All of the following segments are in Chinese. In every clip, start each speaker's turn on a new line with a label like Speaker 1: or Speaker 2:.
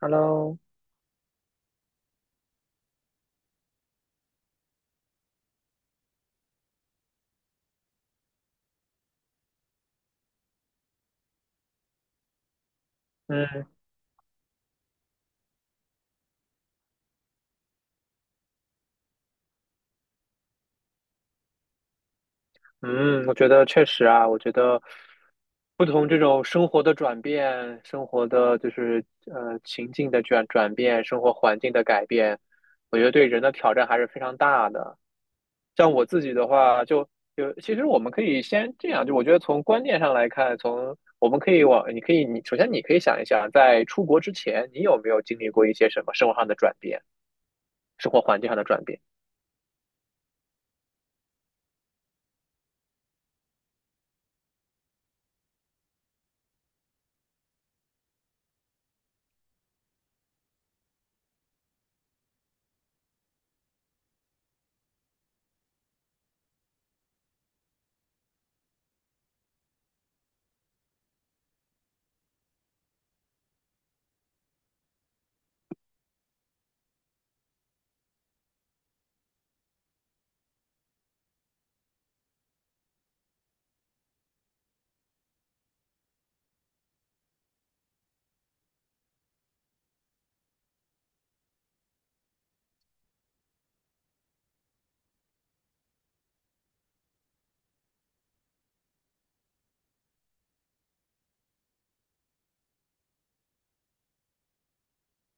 Speaker 1: Hello，嗯嗯，我觉得确实啊，我觉得不同这种生活的转变，生活的就是情境的转变，生活环境的改变，我觉得对人的挑战还是非常大的。像我自己的话，就其实我们可以先这样，就我觉得从观念上来看，从我们可以往你可以你首先你可以想一想，在出国之前，你有没有经历过一些什么生活上的转变，生活环境上的转变？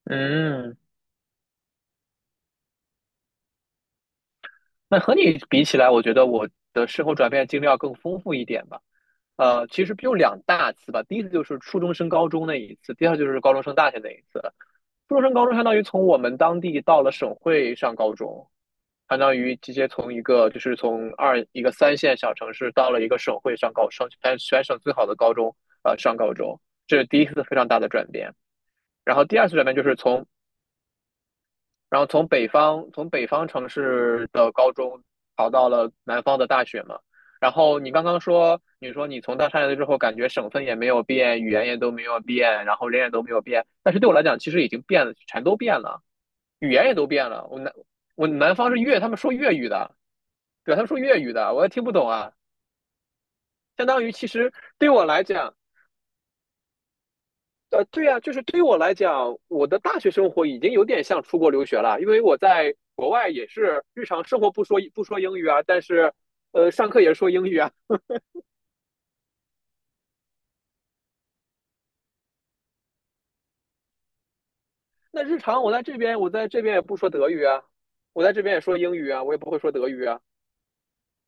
Speaker 1: 嗯。那和你比起来，我觉得我的生活转变经历要更丰富一点吧。其实有两大次吧，第一次就是初中升高中那一次，第二就是高中升大学那一次。初中升高中相当于从我们当地到了省会上高中，相当于直接从一个就是从二一个三线小城市到了一个省会上全省最好的高中，上高中，这是第一次非常大的转变。然后第二次转变就是从北方城市的高中考到了南方的大学嘛。然后你刚刚说，你说你从大山来了之后，感觉省份也没有变，语言也都没有变，然后人也都没有变。但是对我来讲，其实已经变了，全都变了，语言也都变了。我南方是粤，他们说粤语的，对，他们说粤语的，我也听不懂啊。相当于其实对我来讲，对呀，就是对于我来讲，我的大学生活已经有点像出国留学了，因为我在国外也是日常生活不说英语啊，但是，上课也是说英语啊。那日常我在这边，我在这边也不说德语啊，我在这边也说英语啊，我也不会说德语啊。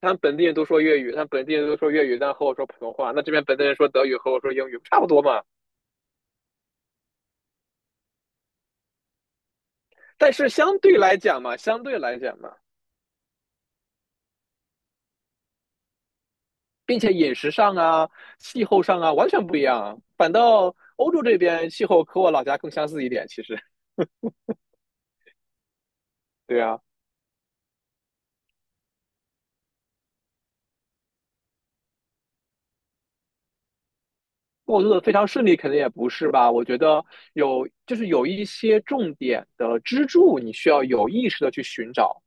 Speaker 1: 他们本地人都说粤语，他们本地人都说粤语，但和我说普通话。那这边本地人说德语和我说英语，差不多嘛。但是相对来讲嘛，相对来讲嘛，并且饮食上啊、气候上啊完全不一样啊。反倒欧洲这边气候和我老家更相似一点，其实对啊。过渡的非常顺利，肯定也不是吧？我觉得就是有一些重点的支柱，你需要有意识的去寻找，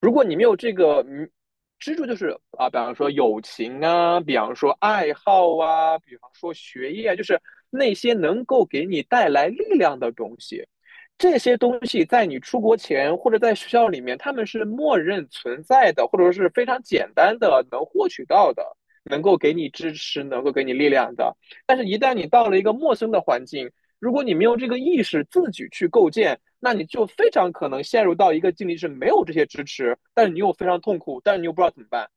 Speaker 1: 如果你没有这个支柱，就是啊，比方说友情啊，比方说爱好啊，比方说学业啊，就是那些能够给你带来力量的东西。这些东西在你出国前或者在学校里面，他们是默认存在的，或者说是非常简单的能获取到的，能够给你支持，能够给你力量的。但是，一旦你到了一个陌生的环境，如果你没有这个意识，自己去构建，那你就非常可能陷入到一个境地，是没有这些支持，但是你又非常痛苦，但是你又不知道怎么办。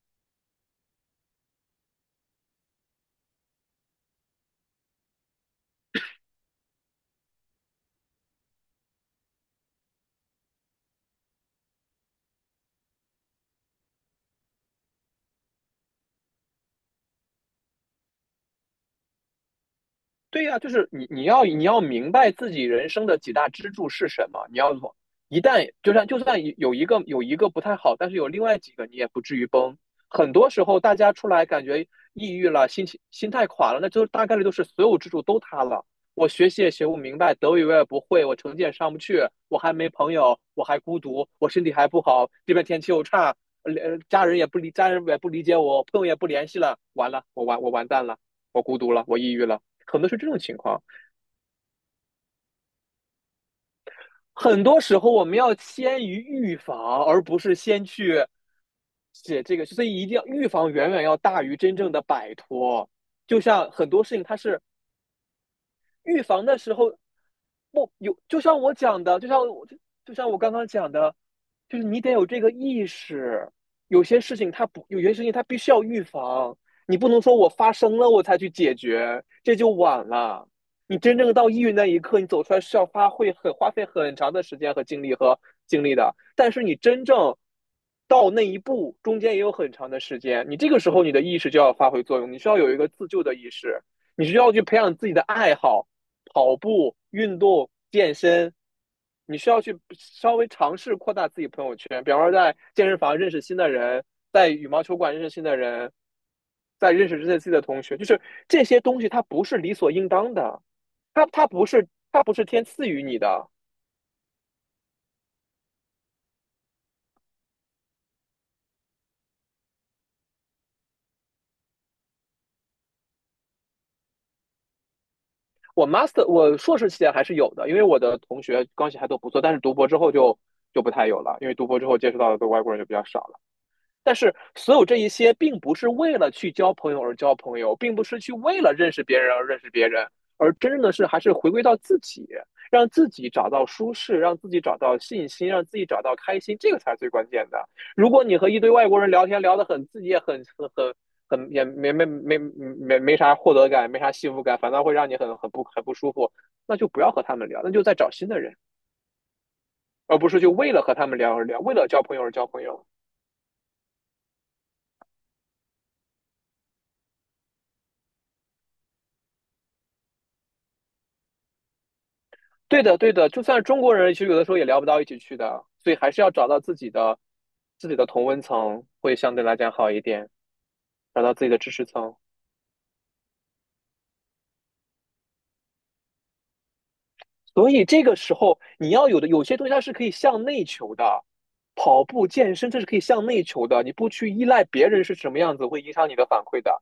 Speaker 1: 对呀，啊就是你要明白自己人生的几大支柱是什么，你要从一旦就算有一个不太好，但是有另外几个你也不至于崩。很多时候大家出来感觉抑郁了，心态垮了，那就大概率都是所有支柱都塌了。我学习也学不明白，德语我也不会，我成绩也上不去，我还没朋友，我还孤独，我身体还不好，这边天气又差，家人也不理，家人也不理解我，朋友也不联系了，完了，我完蛋了，我孤独了，我抑郁了。可能是这种情况。很多时候我们要先于预防，而不是先去写这个，所以一定要预防远远要大于真正的摆脱。就像很多事情，它是预防的时候，不有就像我讲的，就像我就像我刚刚讲的，就是你得有这个意识，有些事情它不，有些事情它必须要预防，你不能说我发生了我才去解决，这就晚了。你真正到抑郁那一刻，你走出来是要花费很长的时间和精力的，但是你真正。到那一步中间也有很长的时间，你这个时候你的意识就要发挥作用，你需要有一个自救的意识，你需要去培养自己的爱好，跑步、运动、健身，你需要去稍微尝试扩大自己朋友圈，比方说在健身房认识新的人，在羽毛球馆认识新的人，在认识这些自己的同学，就是这些东西它不是理所应当的，它不是天赐予你的。我 master 我硕士期间还是有的，因为我的同学关系还都不错，但是读博之后就不太有了，因为读博之后接触到的外国人就比较少了。但是所有这一些，并不是为了去交朋友而交朋友，并不是去为了认识别人而认识别人，而真正的是还是回归到自己，让自己找到舒适，让自己找到信心，让自己找到开心，这个才是最关键的。如果你和一堆外国人聊天聊得很，自己也很很很很也没没没没没啥获得感，没啥幸福感，反倒会让你很不舒服，那就不要和他们聊，那就再找新的人，而不是就为了和他们聊而聊，为了交朋友而交朋友。对的，对的，就算中国人，其实有的时候也聊不到一起去的，所以还是要找到自己的同温层，会相对来讲好一点，找到自己的知识层。所以这个时候，你要有的有些东西它是可以向内求的，跑步、健身这是可以向内求的，你不去依赖别人是什么样子，会影响你的反馈的。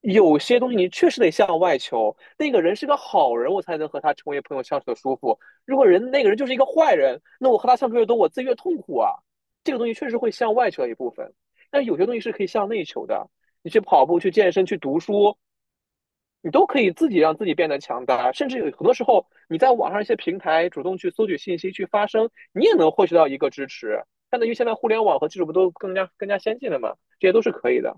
Speaker 1: 有些东西你确实得向外求，那个人是个好人，我才能和他成为朋友相处的舒服。如果那个人就是一个坏人，那我和他相处越多，我自己越痛苦啊。这个东西确实会向外求一部分，但有些东西是可以向内求的。你去跑步、去健身、去读书，你都可以自己让自己变得强大。甚至有很多时候，你在网上一些平台主动去搜取信息、去发声，你也能获取到一个支持。相当于现在互联网和技术不都更加先进了嘛？这些都是可以的。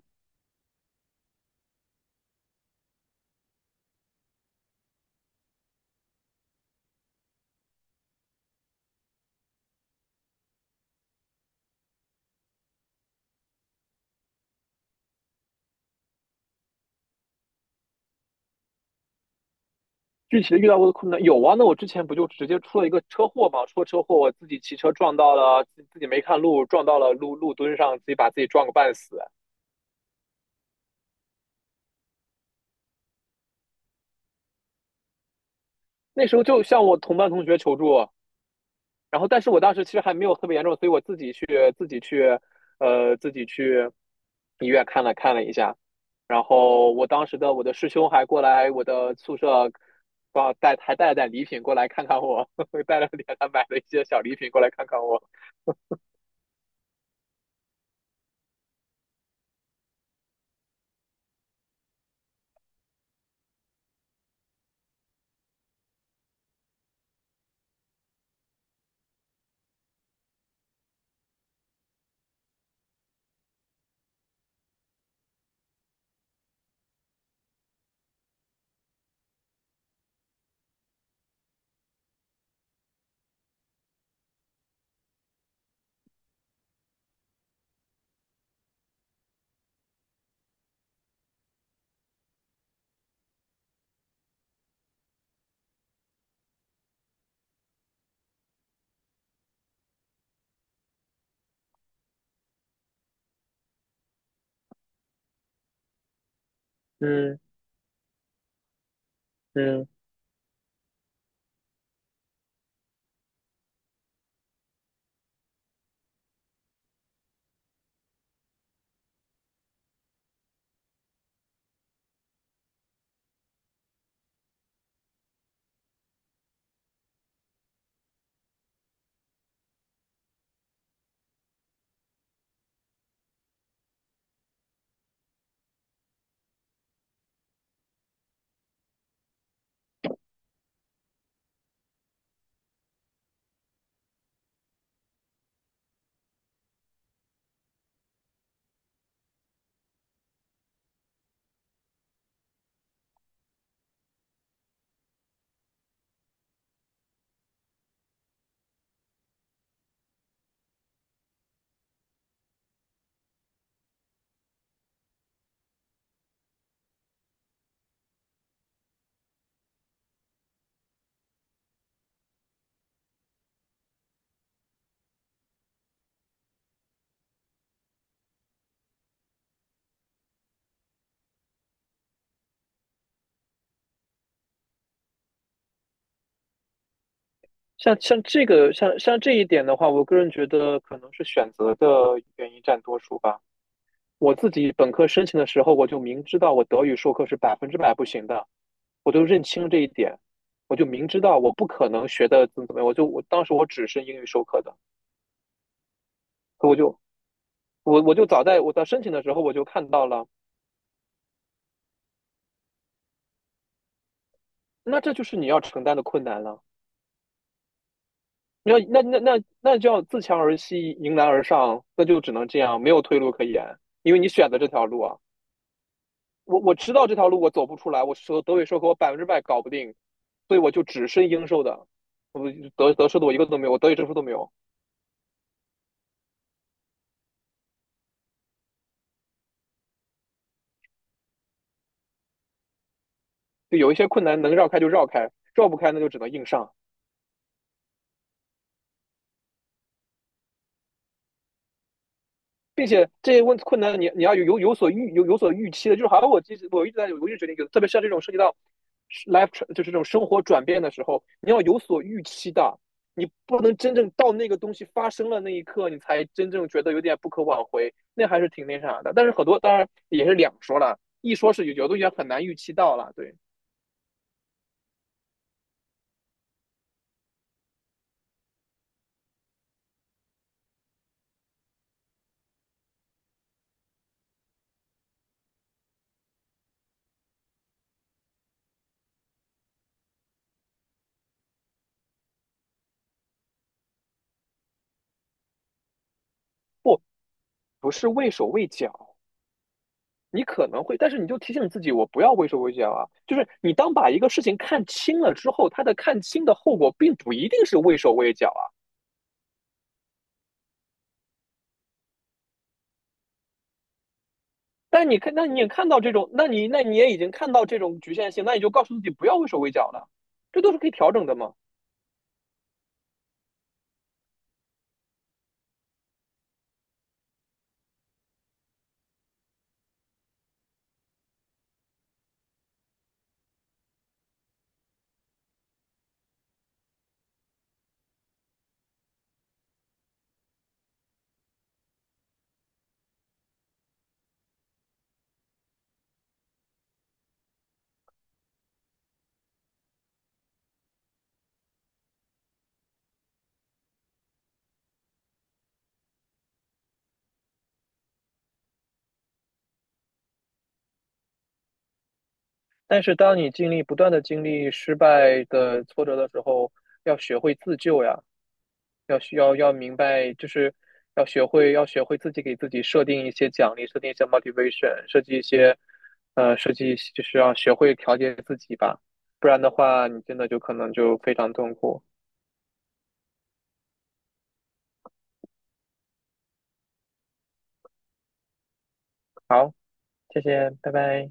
Speaker 1: 具体的遇到过的困难有啊，那我之前不就直接出了一个车祸嘛？出了车祸，我自己骑车撞到了，自己没看路，撞到了路墩上，自己把自己撞个半死。那时候就向我同班同学求助，然后但是我当时其实还没有特别严重，所以我自己去自己去呃自己去医院看了一下，然后我当时的我的师兄还过来我的宿舍，带了点礼品过来看看我，呵呵带了点他买了一些小礼品过来看看我，嗯嗯。像像这个像像这一点的话，我个人觉得可能是选择的原因占多数吧。我自己本科申请的时候，我就明知道我德语授课是百分之百不行的，我就认清这一点，我就明知道我不可能学的怎么怎么样，我就我当时我只是英语授课的，我就我就早在我在申请的时候我就看到了，那这就是你要承担的困难了。你要那那那那就要自强而息，迎难而上，那就只能这样，没有退路可言，因为你选择这条路啊。我知道这条路我走不出来，我说德语说和我百分之百搞不定，所以我就只申英授的，德授的我一个都没有，我德语证书都没有，就有一些困难能绕开就绕开，绕不开那就只能硬上。并且这些困难你要有所预期的，就是好像我其实我一直在我一直决定，特别是像这种涉及到 life 就是这种生活转变的时候，你要有所预期的，你不能真正到那个东西发生了那一刻，你才真正觉得有点不可挽回，那还是挺那啥的。但是很多当然也是两说了，一说是有的东西很难预期到了，对，不不是畏手畏脚，你可能会，但是你就提醒自己，我不要畏手畏脚啊。就是你当把一个事情看清了之后，它的看清的后果并不一定是畏手畏脚啊。但你看，那你也已经看到这种局限性，那你就告诉自己不要畏手畏脚了，这都是可以调整的嘛。但是当你不断的经历失败的挫折的时候，要学会自救呀。要需要要明白，就是要学会自己给自己设定一些奖励，设定一些 motivation，设计一些就是要学会调节自己吧，不然的话，你真的就可能就非常痛苦。谢谢，拜拜。